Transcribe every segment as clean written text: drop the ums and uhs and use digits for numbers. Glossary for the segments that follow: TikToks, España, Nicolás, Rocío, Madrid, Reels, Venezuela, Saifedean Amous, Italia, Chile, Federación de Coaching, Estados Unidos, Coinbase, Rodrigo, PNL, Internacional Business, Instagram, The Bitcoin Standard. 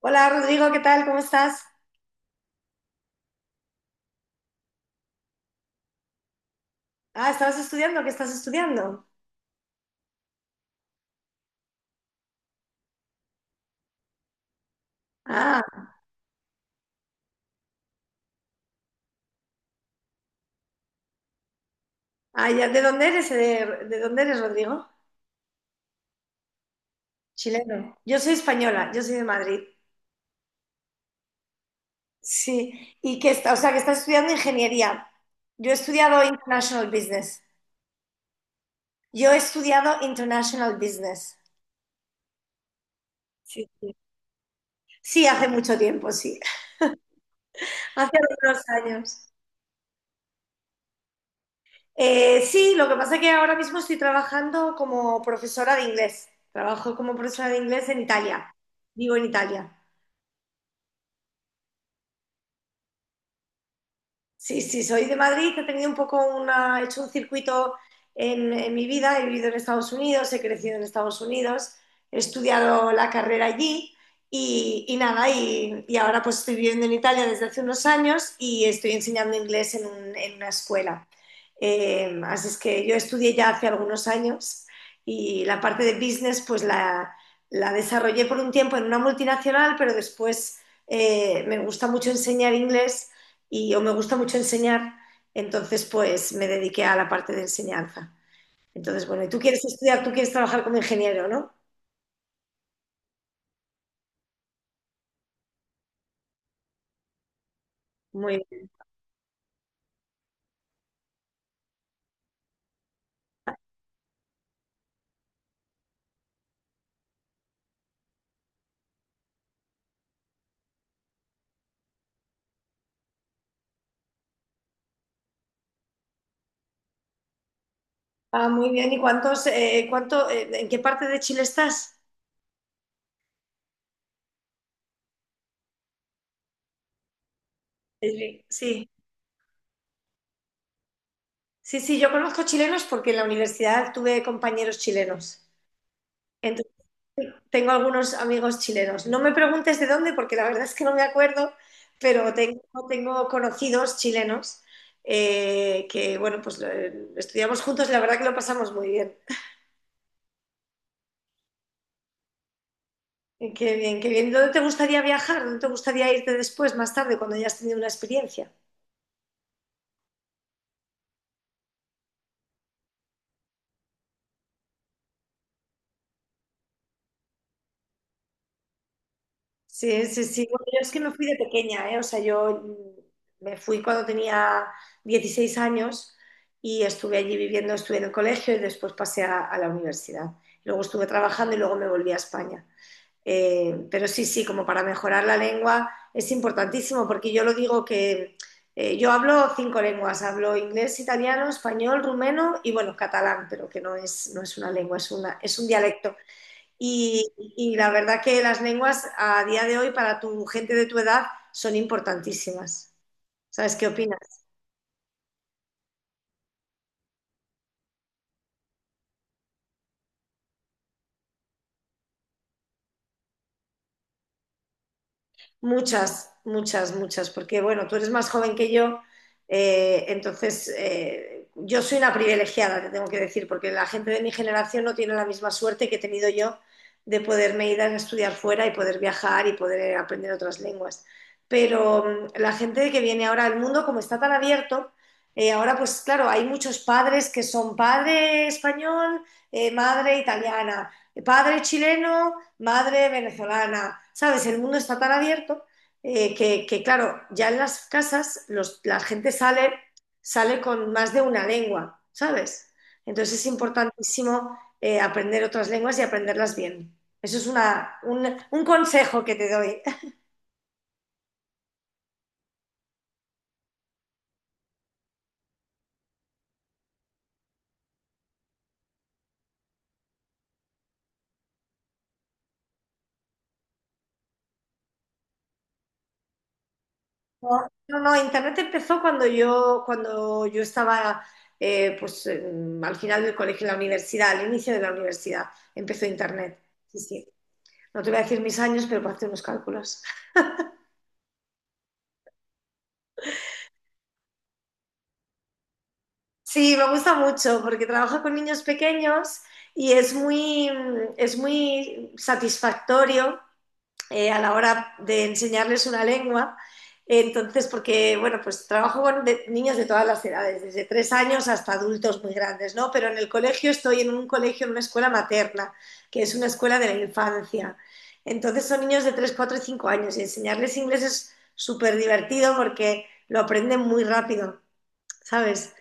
Hola Rodrigo, ¿qué tal? ¿Cómo estás? Ah, ¿estabas estudiando? ¿Qué estás estudiando? Ah, ah, ya, ¿de dónde eres? ¿De dónde eres, Rodrigo? Chileno. Yo soy española, yo soy de Madrid. Sí, y que está, o sea, que estás estudiando ingeniería. Yo he estudiado International Business. Yo he estudiado International Business. Sí, sí. Sí, hace mucho tiempo, sí. Hace algunos años. Sí, lo que pasa es que ahora mismo estoy trabajando como profesora de inglés. Trabajo como profesora de inglés en Italia. Vivo en Italia. Sí, sí, soy de Madrid, que he tenido un poco una, he hecho un circuito en mi vida, he vivido en Estados Unidos, he crecido en Estados Unidos, he estudiado la carrera allí y nada, y ahora pues estoy viviendo en Italia desde hace unos años y estoy enseñando inglés en una escuela. Así es que yo estudié ya hace algunos años y la parte de business pues la desarrollé por un tiempo en una multinacional, pero después me gusta mucho enseñar inglés o me gusta mucho enseñar, entonces pues me dediqué a la parte de enseñanza. Entonces, bueno, y tú quieres estudiar, tú quieres trabajar como ingeniero, ¿no? Muy bien. Ah, muy bien. ¿Y en qué parte de Chile estás? Sí, sí, sí, yo conozco chilenos porque en la universidad tuve compañeros chilenos. Tengo algunos amigos chilenos. No me preguntes de dónde, porque la verdad es que no me acuerdo, pero tengo conocidos chilenos que, bueno, pues estudiamos juntos y la verdad que lo pasamos muy bien. Qué bien, qué bien. ¿Dónde te gustaría viajar? ¿Dónde te gustaría irte después, más tarde, cuando hayas tenido una experiencia? Sí, sí, sí. Bueno, yo es que me fui de pequeña, ¿eh? O sea, me fui cuando tenía 16 años y estuve allí viviendo, estuve en el colegio y después pasé a la universidad. Luego estuve trabajando y luego me volví a España. Pero sí, sí, como para mejorar la lengua es importantísimo porque yo lo digo que yo hablo cinco lenguas, hablo inglés, italiano, español, rumeno y bueno, catalán, pero que no es una lengua, es un dialecto. Y la verdad que las lenguas a día de hoy para tu gente de tu edad son importantísimas. ¿Sabes qué opinas? Muchas, muchas, muchas, porque bueno, tú eres más joven que yo, entonces yo soy una privilegiada, te tengo que decir, porque la gente de mi generación no tiene la misma suerte que he tenido yo de poderme ir a estudiar fuera y poder viajar y poder aprender otras lenguas. Pero la gente que viene ahora al mundo, como está tan abierto, ahora pues claro, hay muchos padres que son padre español, madre italiana, padre chileno, madre venezolana, ¿sabes? El mundo está tan abierto que, claro, ya en las casas la gente sale con más de una lengua, ¿sabes? Entonces es importantísimo aprender otras lenguas y aprenderlas bien. Eso es un consejo que te doy. No, no, no, Internet empezó cuando yo estaba pues, al final del colegio, en la universidad, al inicio de la universidad, empezó Internet. Sí, sí. No te voy a decir mis años, pero para hacer unos cálculos. Sí, me gusta mucho porque trabaja con niños pequeños y es muy satisfactorio a la hora de enseñarles una lengua. Entonces, porque, bueno, pues trabajo con niños de todas las edades, desde tres años hasta adultos muy grandes, ¿no? Pero en el colegio estoy en un colegio, en una escuela materna, que es una escuela de la infancia. Entonces son niños de 3 4 y 5 años y enseñarles inglés es súper divertido porque lo aprenden muy rápido, ¿sabes?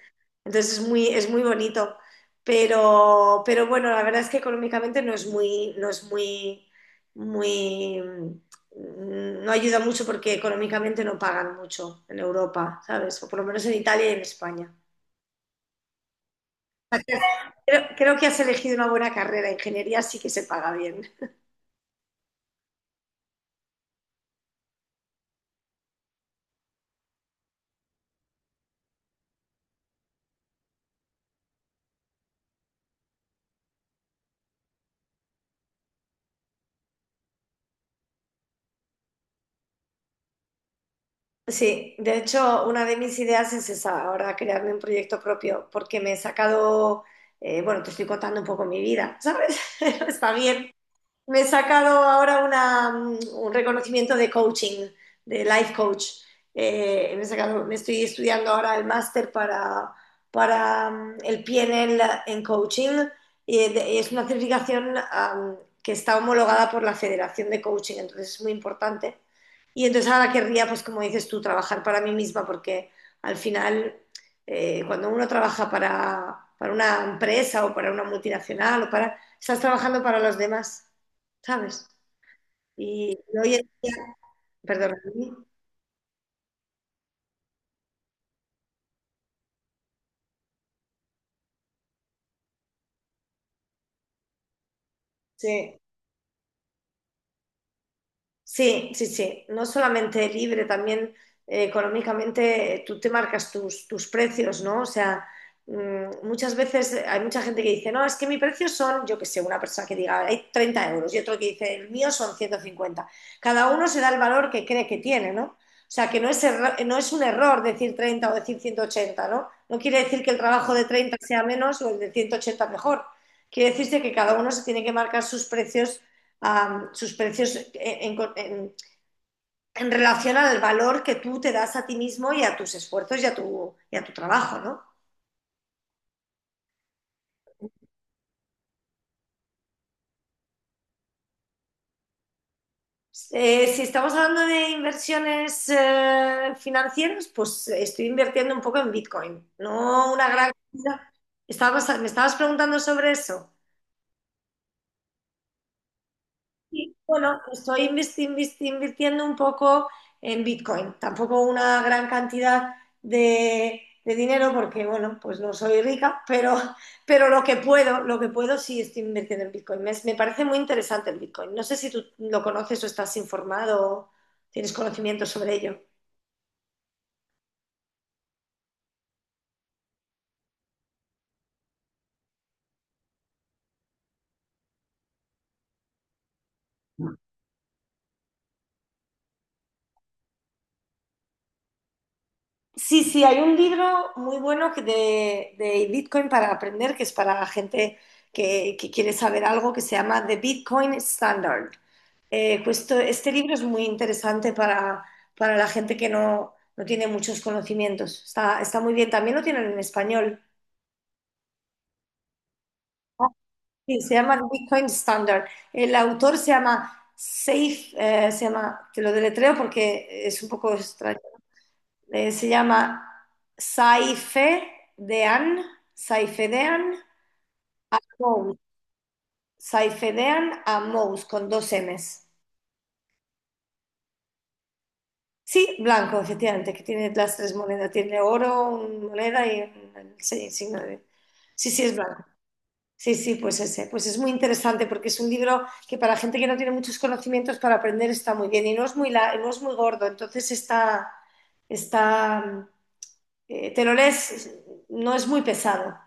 Entonces es muy bonito. Pero bueno, la verdad es que económicamente no es muy, no es muy, muy, mm, no ayuda mucho porque económicamente no pagan mucho en Europa, ¿sabes? O por lo menos en Italia y en España. Creo que has elegido una buena carrera. Ingeniería sí que se paga bien. Sí, de hecho, una de mis ideas es esa, ahora crearme un proyecto propio, porque me he sacado, bueno, te estoy contando un poco mi vida, ¿sabes? Está bien. Me he sacado ahora un reconocimiento de coaching, de life coach. Me estoy estudiando ahora el máster para, para el PNL en coaching y es una certificación que está homologada por la Federación de Coaching, entonces es muy importante. Y entonces ahora querría, pues como dices tú, trabajar para mí misma porque al final cuando uno trabaja para una empresa o para una multinacional o para... Estás trabajando para los demás. ¿Sabes? Y hoy en día, perdón. Sí. Sí. Sí, sí, sí. No solamente libre, también económicamente tú te marcas tus, tus precios, ¿no? O sea, muchas veces hay mucha gente que dice, no, es que mi precio son, yo qué sé, una persona que diga, hay 30 euros y otro que dice, el mío son 150. Cada uno se da el valor que cree que tiene, ¿no? O sea, que no es un error decir 30 o decir 180, ¿no? No quiere decir que el trabajo de 30 sea menos o el de 180 mejor. Quiere decirse que cada uno se tiene que marcar sus precios um, sus precios en, en, en relación al valor que tú te das a ti mismo y a tus esfuerzos y a tu trabajo, ¿no? Si estamos hablando de inversiones financieras, pues estoy invirtiendo un poco en Bitcoin, no una gran cantidad. Me estabas preguntando sobre eso. Y, bueno, estoy invirtiendo un poco en Bitcoin, tampoco una gran cantidad de dinero porque, bueno, pues no soy rica, pero lo que puedo sí estoy invirtiendo en Bitcoin. Me parece muy interesante el Bitcoin. No sé si tú lo conoces o estás informado o tienes conocimiento sobre ello. Sí, sí, hay un libro muy bueno que de Bitcoin para aprender, que es para la gente que quiere saber algo, que se llama The Bitcoin Standard. Justo este libro es muy interesante para la gente que no tiene muchos conocimientos. Está muy bien. También lo tienen en español. Sí, se llama Bitcoin Standard. El autor se llama se llama, te lo deletreo porque es un poco extraño. Se llama Saifedean, Saifedean Mous, Saifedean Amous, con dos M's. Sí, blanco, efectivamente, que tiene las tres monedas. Tiene oro, una moneda y un sí, signo de... Sí, sí, es blanco. Sí, sí, pues ese. Pues es muy interesante porque es un libro que para gente que no tiene muchos conocimientos para aprender está muy bien y no es muy gordo, entonces está te lo lees, no es muy pesado.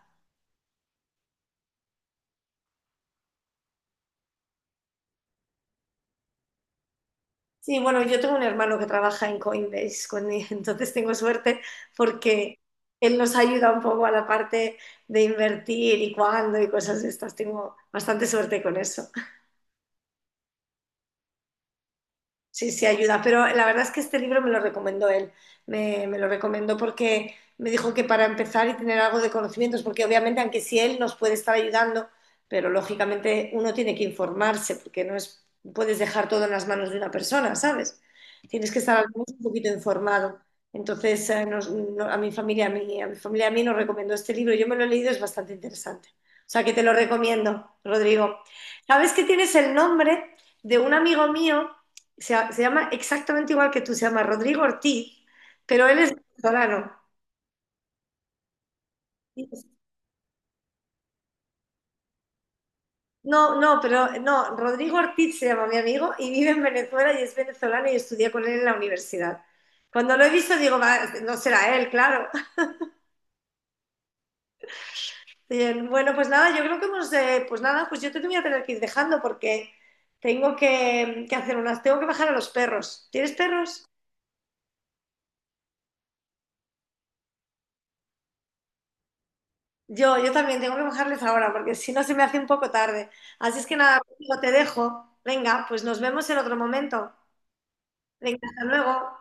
Sí, bueno, yo tengo un hermano que trabaja en Coinbase conmigo, entonces tengo suerte porque él nos ayuda un poco a la parte de invertir y cuándo y cosas de estas. Tengo bastante suerte con eso. Sí, sí, ayuda, pero la verdad es que este libro me lo recomendó él, me lo recomendó porque me dijo que para empezar y tener algo de conocimientos, porque obviamente aunque sí él nos puede estar ayudando, pero lógicamente uno tiene que informarse, porque no es, puedes dejar todo en las manos de una persona, ¿sabes? Tienes que estar al menos un poquito informado. Entonces, a mi familia, a mi familia, a mí nos recomendó este libro, yo me lo he leído, es bastante interesante. O sea que te lo recomiendo, Rodrigo. ¿Sabes que tienes el nombre de un amigo mío? Se llama exactamente igual que tú, se llama Rodrigo Ortiz, pero él es venezolano. Y- No, no, pero no, Rodrigo Ortiz se llama mi amigo y vive en Venezuela y es venezolano y estudié con él en la universidad. Cuando lo he visto digo, "Va, no será él, claro". Bien, bueno, pues nada, yo creo que hemos, pues nada, pues yo te voy a tener que ir dejando porque tengo que tengo que bajar a los perros. ¿Tienes perros? Yo también tengo que bajarles ahora porque si no se me hace un poco tarde. Así es que nada, Rocío, te dejo. Venga, pues nos vemos en otro momento. Venga, hasta luego.